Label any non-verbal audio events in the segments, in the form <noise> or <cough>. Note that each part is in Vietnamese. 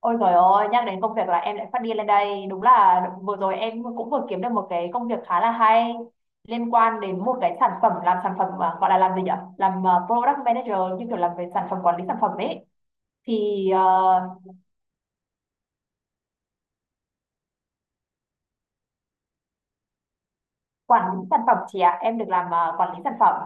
Ôi trời ơi, nhắc đến công việc là em lại phát điên lên đây. Đúng là vừa rồi em cũng vừa kiếm được một cái công việc khá là hay liên quan đến một cái sản phẩm làm sản phẩm mà gọi là làm gì nhỉ? Làm product manager như kiểu làm về sản phẩm quản lý sản phẩm ấy. Thì quản lý sản phẩm chị ạ, em được làm quản lý sản phẩm.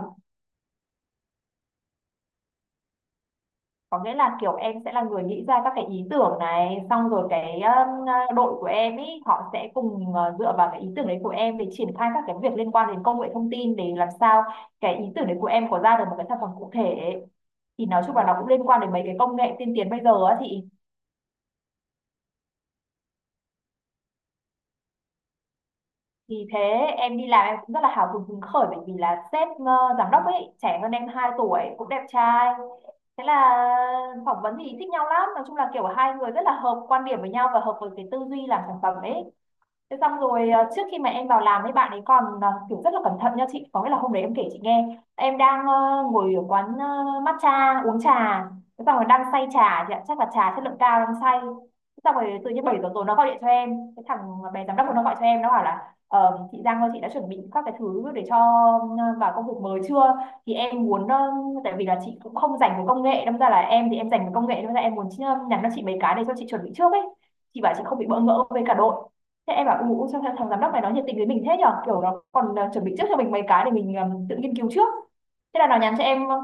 Có nghĩa là kiểu em sẽ là người nghĩ ra các cái ý tưởng này xong rồi cái đội của em ý họ sẽ cùng dựa vào cái ý tưởng đấy của em để triển khai các cái việc liên quan đến công nghệ thông tin để làm sao cái ý tưởng đấy của em có ra được một cái sản phẩm cụ thể, thì nói chung là nó cũng liên quan đến mấy cái công nghệ tiên tiến bây giờ á, thì ý. Vì thế em đi làm em cũng rất là hào hứng hứng khởi bởi vì là sếp giám đốc ấy trẻ hơn em 2 tuổi cũng đẹp trai. Thế là phỏng vấn thì thích nhau lắm, nói chung là kiểu hai người rất là hợp quan điểm với nhau và hợp với cái tư duy làm sản phẩm ấy. Thế xong rồi trước khi mà em vào làm ấy bạn ấy còn kiểu rất là cẩn thận nha chị, có nghĩa là hôm đấy em kể chị nghe em đang ngồi ở quán matcha uống trà, thế xong rồi đang say trà chị ạ, chắc là trà chất lượng cao đang say. Thế xong rồi tự nhiên 7 giờ tối nó gọi điện cho em, cái thằng bé giám đốc nó gọi cho em nó bảo là chị Giang ơi chị đã chuẩn bị các cái thứ để cho vào công việc mới chưa, thì em muốn tại vì là chị cũng không dành về công nghệ đâm ra là em thì em dành về công nghệ đâm ra em muốn nhắn cho chị mấy cái để cho chị chuẩn bị trước ấy chị bảo chị không bị bỡ ngỡ với cả đội. Thế em bảo ủ sao thằng, giám đốc này nó nhiệt tình với mình thế nhở, kiểu nó còn chuẩn bị trước cho mình mấy cái để mình tự nghiên cứu trước, thế là nó nhắn cho em <laughs>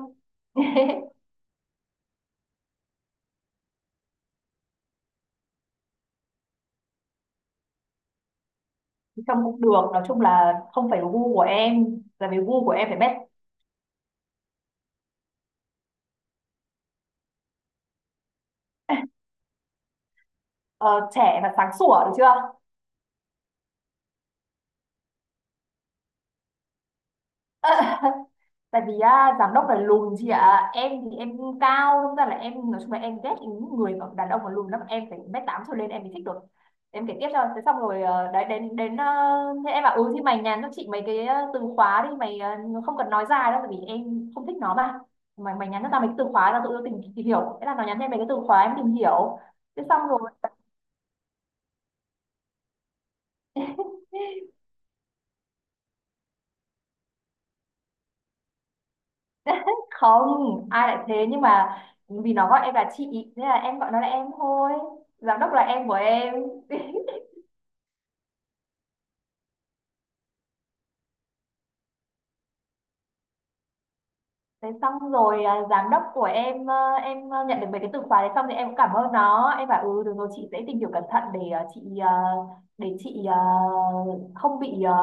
trông cũng được, nói chung là không phải gu của em là vì gu của em phải bét ờ, trẻ và sáng sủa được chưa. Tại vì á, giám đốc là lùn chị ạ, em thì em cao, đúng ra là em nói chung là em ghét những người mà đàn ông mà lùn lắm, em phải 1m8 trở lên em mới thích được. Em kể tiếp cho, thế xong rồi đấy đến đến thế em bảo ừ thì mày nhắn cho chị mấy cái từ khóa đi mày không cần nói dài đâu tại vì em không thích nó mà, mày mày nhắn cho tao mấy cái từ khóa là tụi tao tìm hiểu, thế là nó nhắn cho em mấy cái từ khóa em tìm hiểu. Thế xong rồi <laughs> không ai lại thế, nhưng mà vì nó gọi em là chị thế là em gọi nó là em thôi, giám đốc là em của em. Thế xong rồi à, giám đốc của em em nhận được mấy cái từ khóa đấy xong thì em cũng cảm ơn nó, em bảo ừ được rồi chị sẽ tìm hiểu cẩn thận để chị để chị không bị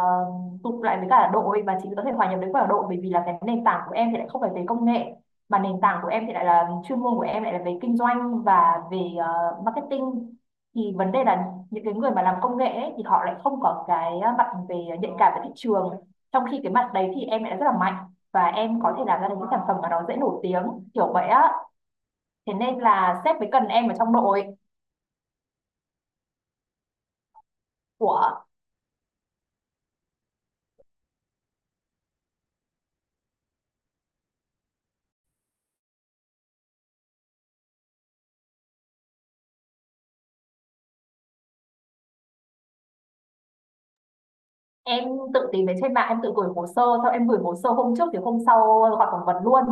tụt lại với cả đội và chị có thể hòa nhập với cả đội, bởi vì là cái nền tảng của em thì lại không phải về công nghệ mà nền tảng của em thì lại là chuyên môn của em lại là về kinh doanh và về marketing. Thì vấn đề là những cái người mà làm công nghệ ấy, thì họ lại không có cái mặt về nhạy cảm với thị trường, trong khi cái mặt đấy thì em lại rất là mạnh và em có thể làm ra được những sản phẩm mà nó dễ nổi tiếng kiểu vậy á, thế nên là sếp mới cần em ở trong đội của em. Tự tìm đến trên mạng em tự gửi hồ sơ, sau em gửi hồ sơ hôm trước thì hôm sau gọi phỏng vấn luôn,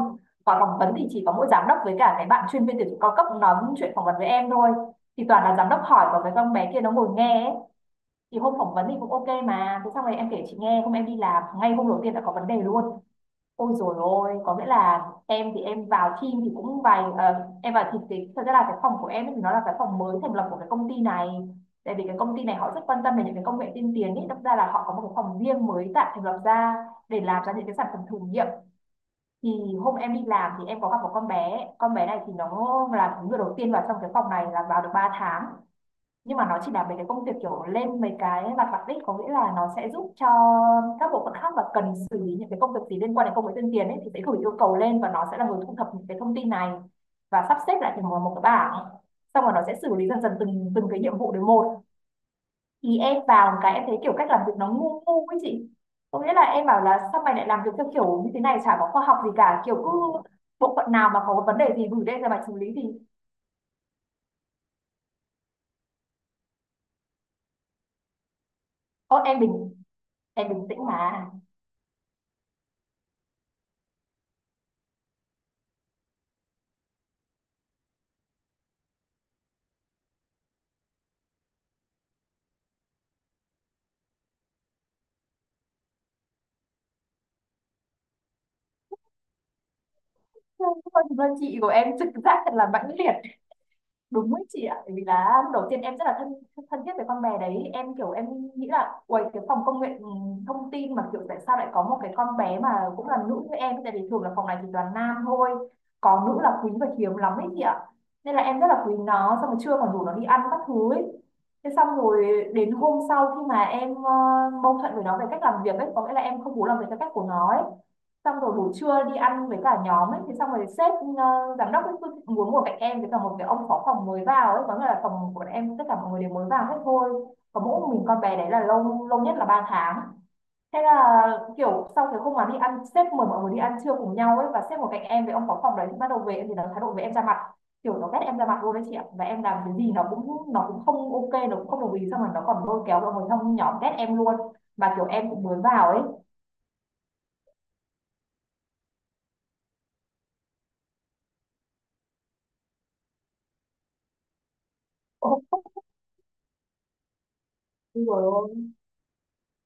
gọi phỏng vấn thì chỉ có mỗi giám đốc với cả cái bạn chuyên viên tuyển dụng cao cấp nói chuyện phỏng vấn với em thôi, thì toàn là giám đốc hỏi và cái con bé kia nó ngồi nghe ấy. Thì hôm phỏng vấn thì cũng ok mà, thế xong rồi em kể chị nghe hôm em đi làm ngay hôm đầu tiên đã có vấn đề luôn. Ôi dồi ôi, có nghĩa là em thì em vào team thì cũng vài em vào thì cái thật ra là cái phòng của em ấy thì nó là cái phòng mới thành lập của cái công ty này. Tại vì cái công ty này họ rất quan tâm về những cái công nghệ tiên tiến ấy, đâm ra là họ có một cái phòng riêng mới tạo thành lập ra để làm ra những cái sản phẩm thử nghiệm. Thì hôm em đi làm thì em có gặp một con bé này thì nó là người đầu tiên vào trong cái phòng này là vào được 3 tháng, nhưng mà nó chỉ là mấy cái công việc kiểu lên mấy cái mặt mặt đích, có nghĩa là nó sẽ giúp cho các bộ phận khác và cần xử lý những cái công việc gì liên quan đến công nghệ tuyên truyền ấy thì sẽ gửi yêu cầu lên và nó sẽ là người thu thập những cái thông tin này và sắp xếp lại thành một một cái bảng, xong rồi nó sẽ xử lý dần dần từng từng cái nhiệm vụ đến một. Thì em vào một cái em thấy kiểu cách làm việc nó ngu ngu ấy chị, có nghĩa là em bảo là sao mày lại làm việc theo kiểu như thế này chả có khoa học gì cả, kiểu cứ bộ phận nào mà có vấn đề gì gửi lên cho mày xử lý thì ô em bình tĩnh mà. Không, không, thực ra chị của em trực giác thật là mãnh liệt đúng với chị ạ, bởi vì là lúc đầu tiên em rất là thân thân thiết với con bé đấy, em kiểu em nghĩ là uầy cái phòng công nghệ thông tin mà kiểu tại sao lại có một cái con bé mà cũng là nữ như em, tại vì thường là phòng này thì toàn nam thôi, có nữ là quý và hiếm lắm ấy chị ạ, nên là em rất là quý nó xong rồi trưa còn rủ nó đi ăn các thứ ấy. Thế xong rồi đến hôm sau khi mà em mâu thuẫn với nó về cách làm việc ấy, có nghĩa là em không muốn làm việc theo cách của nó ấy, xong rồi buổi trưa đi ăn với cả nhóm ấy thì xong rồi sếp ờ, giám đốc ấy cứ muốn ngồi cạnh em với cả một cái ông phó phòng mới vào ấy, có nghĩa là phòng của em tất cả mọi người đều mới vào hết thôi, có mỗi mình con bé đấy là lâu lâu nhất là 3 tháng. Thế là kiểu sau cái hôm mà đi ăn sếp mời mọi người đi ăn trưa cùng nhau ấy và sếp ngồi cạnh em với ông phó phòng đấy thì bắt đầu về thì nó thái độ với em ra mặt, kiểu nó ghét em ra mặt luôn đấy chị ạ, và em làm cái gì nó cũng không ok, nó cũng không đồng ý, xong rồi nó còn lôi kéo mọi người trong nhóm ghét em luôn, mà kiểu em cũng mới vào ấy. Ôi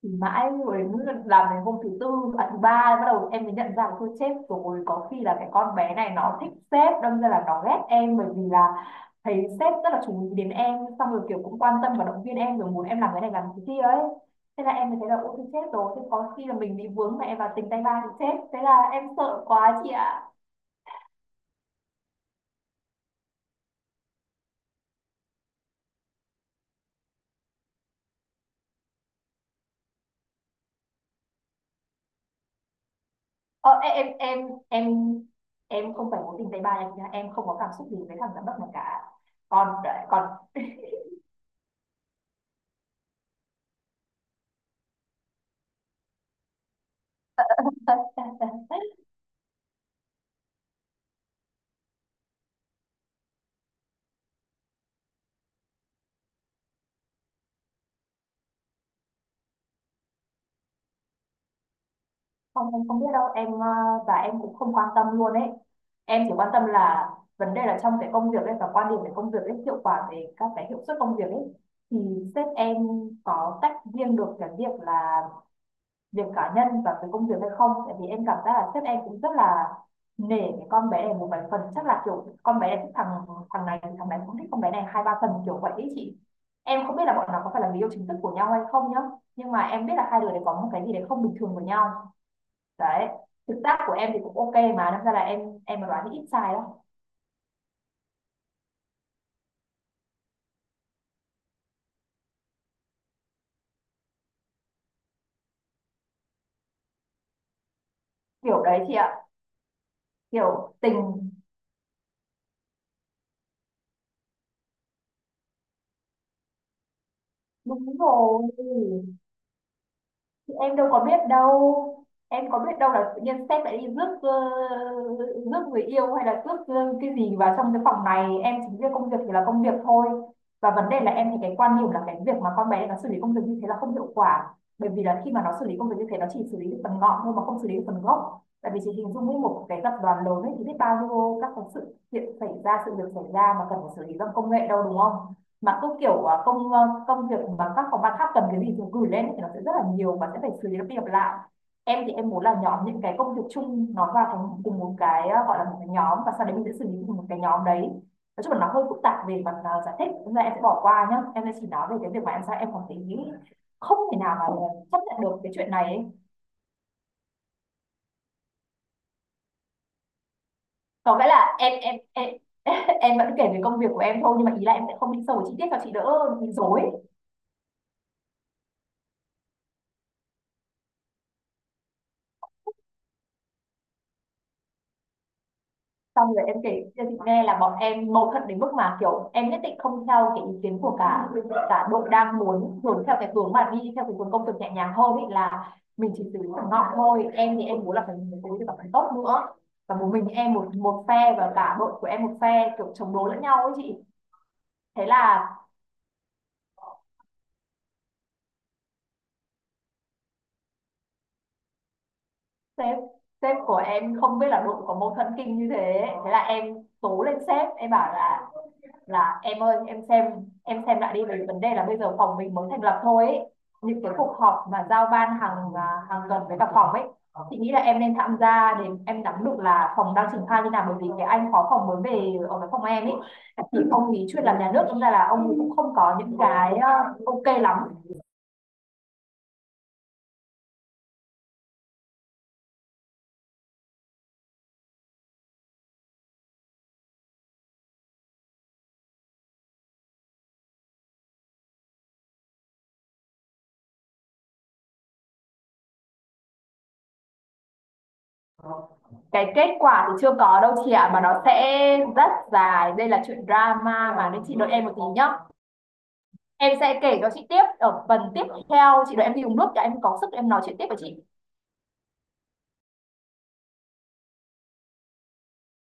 thì mãi rồi đấy, làm đến hôm thứ tư, à thứ ba bắt đầu em mới nhận ra là thôi chết rồi có khi là cái con bé này nó thích sếp đâm ra là nó ghét em, bởi vì là thấy sếp rất là chú ý đến em xong rồi kiểu cũng quan tâm và động viên em rồi muốn em làm cái này làm cái kia ấy. Thế là em mới thấy là ôi thôi chết rồi, thế có khi là mình bị vướng mà em vào tình tay ba thì chết, thế là em sợ quá chị ạ. Ờ, em em em em em không phải mối tình tay ba nha, em không có cảm xúc gì với thằng giám đốc này cả. Còn còn <laughs> Không, em không biết đâu em và em cũng không quan tâm luôn ấy. Em chỉ quan tâm là vấn đề là trong cái công việc ấy và quan điểm về công việc ấy, hiệu quả về các cái hiệu suất công việc ấy thì sếp em có tách riêng được cái việc là việc cá nhân và cái công việc hay không, tại vì em cảm giác là sếp em cũng rất là nể cái con bé này một vài phần, chắc là kiểu con bé này thích thằng thằng này cũng thích con bé này hai ba phần kiểu vậy ấy chị. Em không biết là bọn nó có phải là người yêu chính thức của nhau hay không nhá, nhưng mà em biết là hai đứa đấy có một cái gì đấy không bình thường với nhau đấy. Thực tác của em thì cũng ok, mà đâm ra là em mà đoán thì ít sai đó. Kiểu đấy chị ạ, kiểu tình. Đúng rồi. Thì em đâu có biết đâu, em có biết đâu là tự nhiên sếp lại đi rước rước người yêu hay là rước cái gì vào trong cái phòng này. Em chỉ biết công việc thì là công việc thôi. Và vấn đề là em thì cái quan điểm là cái việc mà con bé nó xử lý công việc như thế là không hiệu quả, bởi vì là khi mà nó xử lý công việc như thế nó chỉ xử lý được phần ngọn thôi mà không xử lý được phần gốc. Tại vì chị hình dung, với một cái tập đoàn lớn ấy thì biết bao nhiêu các cái sự kiện xảy ra, sự việc xảy ra mà cần phải xử lý bằng công nghệ đâu, đúng không? Mà cứ kiểu công công việc mà các phòng ban khác cần cái gì thì gửi lên thì nó sẽ rất là nhiều và sẽ phải xử lý nó đi lặp lại. Em thì em muốn là nhóm những cái công việc chung nó vào thành cùng một cái, gọi là một cái nhóm, và sau đấy mình sẽ xử lý cùng một cái nhóm đấy. Nói chung là nó hơi phức tạp về mặt, giải thích, nên là em sẽ bỏ qua nhá. Em sẽ chỉ nói về cái việc mà em sao em còn thấy không thể nào mà chấp nhận được cái chuyện này ấy. Có nghĩa là em <laughs> em vẫn kể về công việc của em thôi, nhưng mà ý là em sẽ không đi sâu vào chi tiết cho chị đỡ bị rối. Xong rồi em kể cho chị nghe là bọn em mâu thuẫn đến mức mà kiểu em nhất định không theo cái ý kiến của cả cả đội. Đang muốn hướng theo cái hướng mà đi theo cái hướng công việc nhẹ nhàng hơn, ý là mình chỉ xử lý thằng ngọn thôi, em thì em muốn là phải xử lý được cả tốt nữa. Và một mình em một một phe, và cả đội của em một phe, kiểu chống đối lẫn nhau ấy chị. Thế là sếp sếp của em không biết là đội có mâu thuẫn kinh như thế, thế là em tố lên. Sếp em bảo là em ơi, em xem, em xem lại đi, bởi vì vấn đề là bây giờ phòng mình mới thành lập thôi ấy. Những cái cuộc họp mà giao ban hàng tuần với cả phòng ấy, chị nghĩ là em nên tham gia để em nắm được là phòng đang triển khai như nào, bởi vì cái anh phó phòng mới về ở cái phòng em ấy thì ông ý chuyên làm nhà nước, đâm ra là ông ấy cũng không có những cái ok lắm. Cái kết quả thì chưa có đâu chị ạ, mà nó sẽ rất dài, đây là chuyện drama mà, nên chị đợi em một tí nhá. Em sẽ kể cho chị tiếp ở phần tiếp theo, chị đợi em đi uống nước cả em có sức em nói chuyện tiếp với chị.